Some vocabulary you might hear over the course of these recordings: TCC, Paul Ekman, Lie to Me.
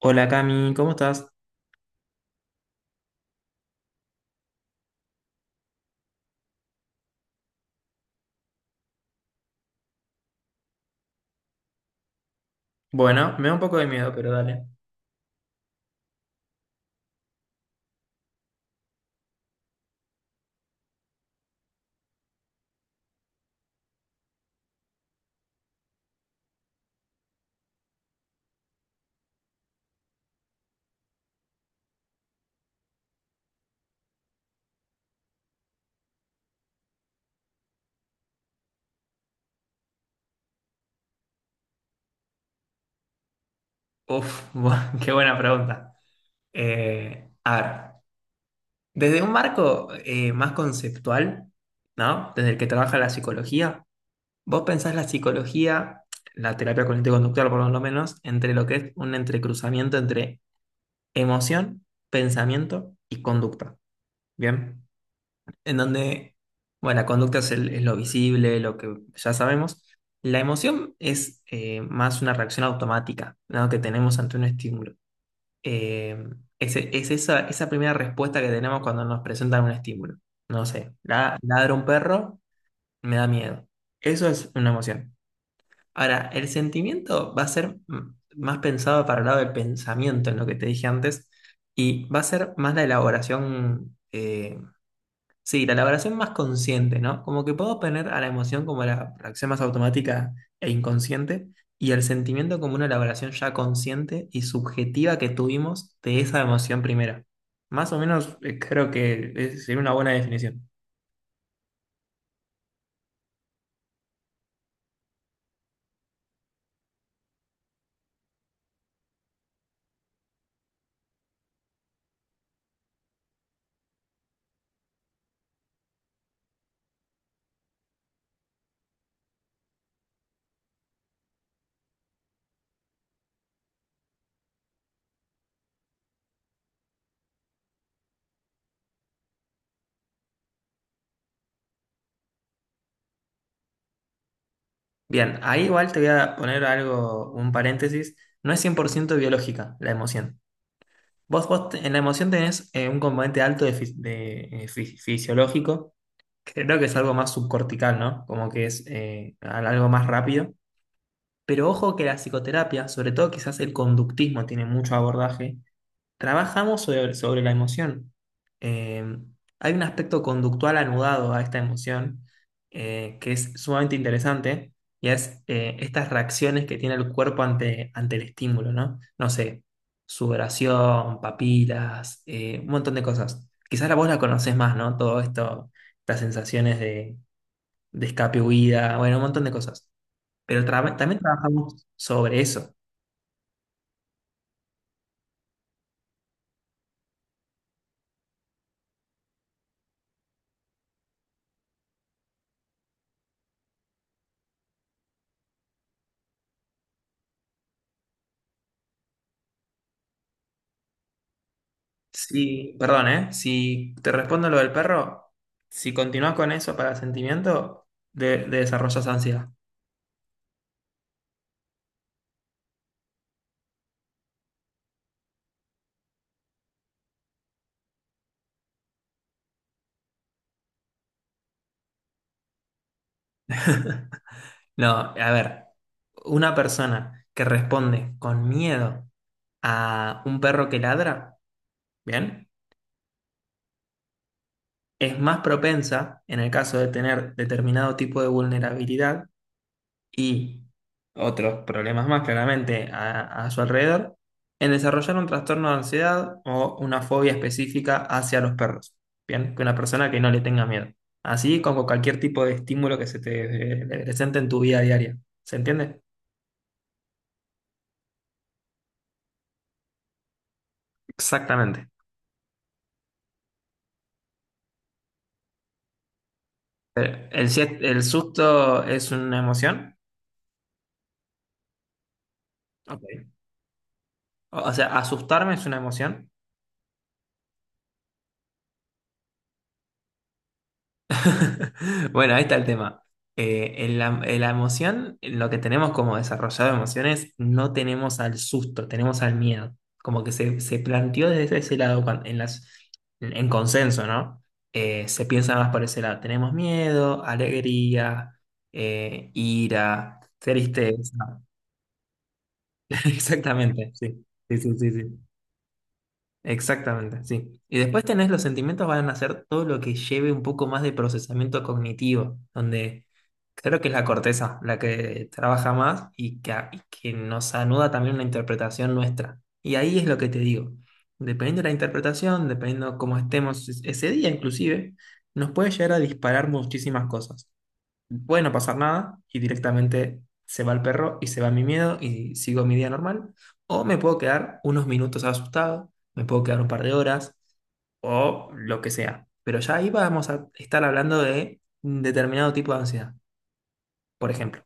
Hola Cami, ¿cómo estás? Bueno, me da un poco de miedo, pero dale. Uf, qué buena pregunta. A ver, desde un marco más conceptual, ¿no? Desde el que trabaja la psicología, vos pensás la psicología, la terapia cognitivo-conductual por lo menos, entre lo que es un entrecruzamiento entre emoción, pensamiento y conducta. ¿Bien? En donde, bueno, la conducta es, es lo visible, lo que ya sabemos. La emoción es más una reacción automática, ¿no? Que tenemos ante un estímulo. Eh, es esa, esa primera respuesta que tenemos cuando nos presentan un estímulo. No sé, ladra un perro, me da miedo. Eso es una emoción. Ahora, el sentimiento va a ser mm, más pensado para el lado del pensamiento, en lo que te dije antes, y va a ser más la elaboración. Sí, la elaboración más consciente, ¿no? Como que puedo poner a la emoción como la reacción más automática e inconsciente y el sentimiento como una elaboración ya consciente y subjetiva que tuvimos de esa emoción primera. Más o menos creo que sería una buena definición. Bien, ahí igual te voy a poner algo, un paréntesis. No es 100% biológica la emoción. Vos en la emoción tenés un componente alto de, fisiológico. Creo que es algo más subcortical, ¿no? Como que es algo más rápido. Pero ojo que la psicoterapia, sobre todo quizás el conductismo tiene mucho abordaje, trabajamos sobre la emoción. Eh, hay un aspecto conductual anudado a esta emoción que es sumamente interesante y es estas reacciones que tiene el cuerpo ante el estímulo, ¿no? No sé, sudoración, papilas, un montón de cosas. Quizás la vos la conocés más, ¿no? Todo esto, estas sensaciones de escape, huida, bueno, un montón de cosas. Pero también trabajamos sobre eso. Sí, perdón, ¿eh? Si te respondo lo del perro, si continúas con eso para sentimiento, de desarrollas ansiedad. No, a ver, una persona que responde con miedo a un perro que ladra, ¿bien? Es más propensa, en el caso de tener determinado tipo de vulnerabilidad, y otros problemas más claramente a su alrededor en desarrollar un trastorno de ansiedad o una fobia específica hacia los perros. Bien, que una persona que no le tenga miedo. Así como cualquier tipo de estímulo que se te presente en tu vida diaria. ¿Se entiende? Exactamente. El susto es una emoción. Ok. O sea, asustarme es una emoción. Bueno, ahí está el tema. En la emoción, en lo que tenemos como desarrollado de emociones, no tenemos al susto, tenemos al miedo. Como que se planteó desde ese lado en las, en consenso, ¿no? Se piensa más por ese lado. Tenemos miedo, alegría, ira, tristeza. Exactamente, sí. Sí, sí, sí, sí. Exactamente, sí. Y después tenés los sentimientos, van a ser todo lo que lleve un poco más de procesamiento cognitivo, donde creo que es la corteza la que trabaja más y y que nos anuda también una interpretación nuestra. Y ahí es lo que te digo. Dependiendo de la interpretación, dependiendo cómo estemos ese día inclusive, nos puede llegar a disparar muchísimas cosas, puede no pasar nada y directamente se va el perro y se va mi miedo y sigo mi día normal. O me puedo quedar unos minutos asustado, me puedo quedar un par de horas o lo que sea. Pero ya ahí vamos a estar hablando de un determinado tipo de ansiedad, por ejemplo.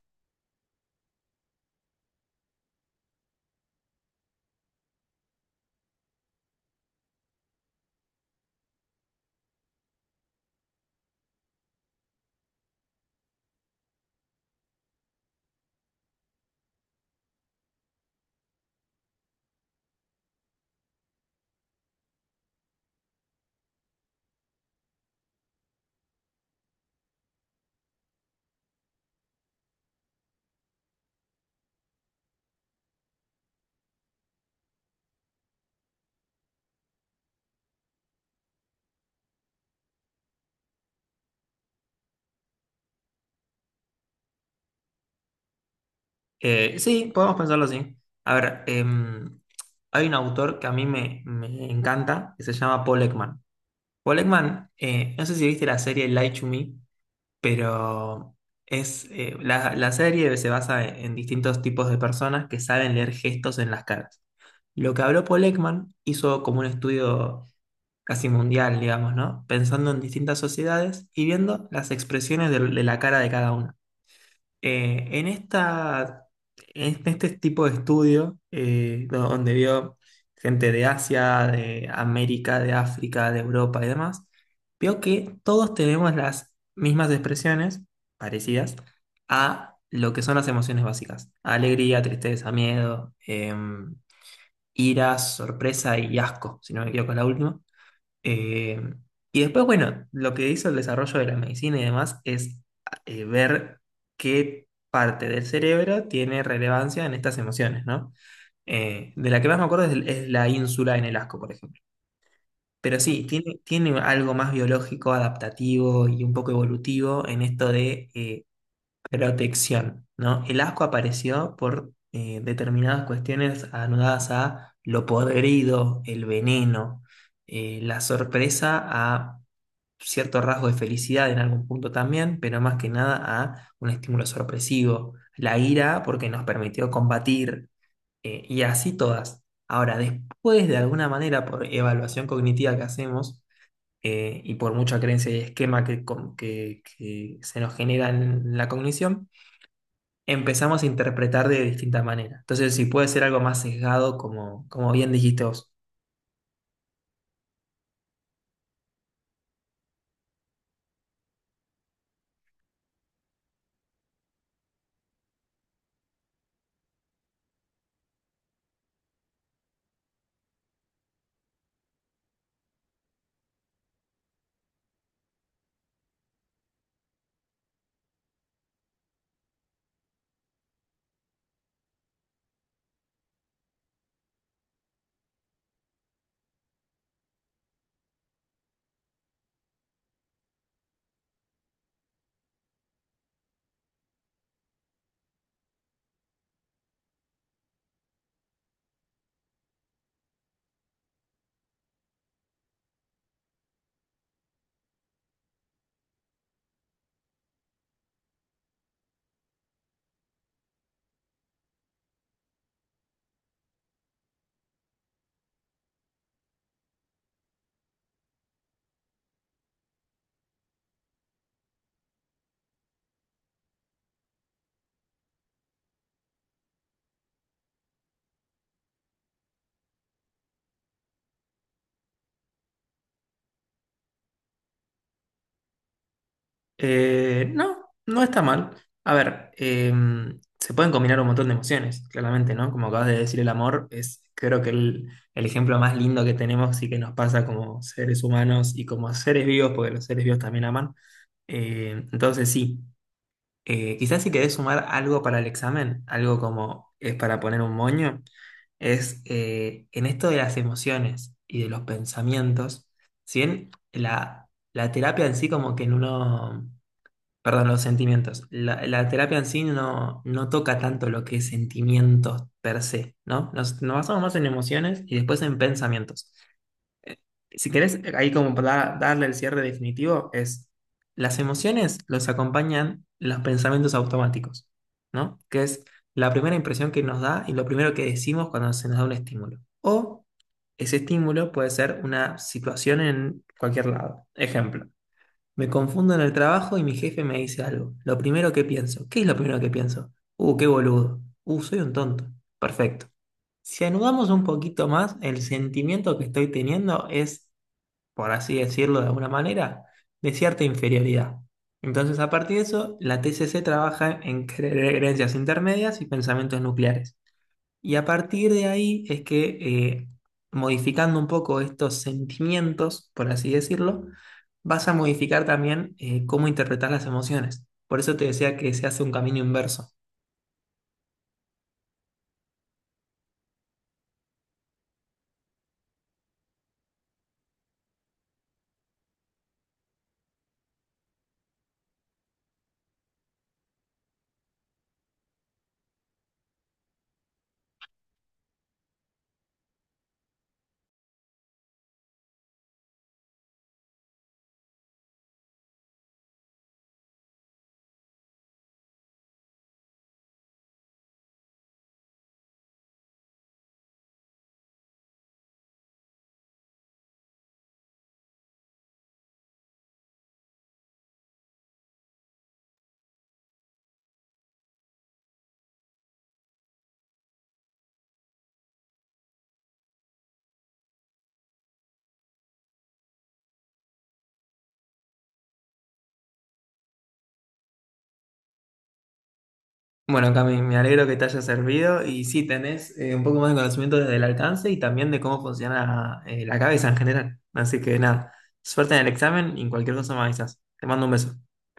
Sí, podemos pensarlo así. A ver, em, hay un autor que a mí me encanta, que se llama Paul Ekman. Paul Ekman, no sé si viste la serie Lie to Me, pero es la serie se basa en distintos tipos de personas que saben leer gestos en las caras. Lo que habló Paul Ekman, hizo como un estudio casi mundial, digamos, ¿no? Pensando en distintas sociedades y viendo las expresiones de la cara de cada una. Eh, en esta, en este tipo de estudio, donde vio gente de Asia, de América, de África, de Europa y demás, vio que todos tenemos las mismas expresiones parecidas a lo que son las emociones básicas. Alegría, tristeza, miedo, em, ira, sorpresa y asco, si no me equivoco, la última. Eh, y después, bueno, lo que hizo el desarrollo de la medicina y demás es ver qué parte del cerebro tiene relevancia en estas emociones, ¿no? De la que más me acuerdo es la ínsula en el asco, por ejemplo. Pero sí, tiene algo más biológico, adaptativo y un poco evolutivo en esto de protección, ¿no? El asco apareció por determinadas cuestiones anudadas a lo podrido, el veneno, la sorpresa a cierto rasgo de felicidad en algún punto también, pero más que nada a un estímulo sorpresivo, la ira porque nos permitió combatir y así todas. Ahora, después de alguna manera, por evaluación cognitiva que hacemos, y por mucha creencia y esquema que se nos genera en la cognición, empezamos a interpretar de distintas maneras. Entonces, si puede ser algo más sesgado, como, como bien dijiste vos. Eh, no, no está mal. A ver, se pueden combinar un montón de emociones, claramente, ¿no? Como acabas de decir, el amor es, creo que el ejemplo más lindo que tenemos y que nos pasa como seres humanos y como seres vivos, porque los seres vivos también aman. Entonces, sí. Quizás si querés sumar algo para el examen, algo como es para poner un moño, es en esto de las emociones y de los pensamientos, si bien la terapia en sí como que no, perdón, los sentimientos, la terapia en sí no, no toca tanto lo que es sentimientos per se, ¿no? Nos basamos más en emociones y después en pensamientos. Si querés, ahí como para darle el cierre definitivo, es las emociones los acompañan los pensamientos automáticos, ¿no? Que es la primera impresión que nos da y lo primero que decimos cuando se nos da un estímulo. O ese estímulo puede ser una situación en cualquier lado. Ejemplo, me confundo en el trabajo y mi jefe me dice algo. Lo primero que pienso, ¿qué es lo primero que pienso? Qué boludo. Soy un tonto. Perfecto. Si anudamos un poquito más, el sentimiento que estoy teniendo es, por así decirlo de alguna manera, de cierta inferioridad. Entonces, a partir de eso, la TCC trabaja en creencias intermedias y pensamientos nucleares. Y a partir de ahí es que, modificando un poco estos sentimientos, por así decirlo, vas a modificar también cómo interpretar las emociones. Por eso te decía que se hace un camino inverso. Bueno, Cami, me alegro que te haya servido y sí, tenés un poco más de conocimiento desde el alcance y también de cómo funciona la cabeza en general. Así que nada, suerte en el examen y en cualquier cosa me avisas. Te mando un beso.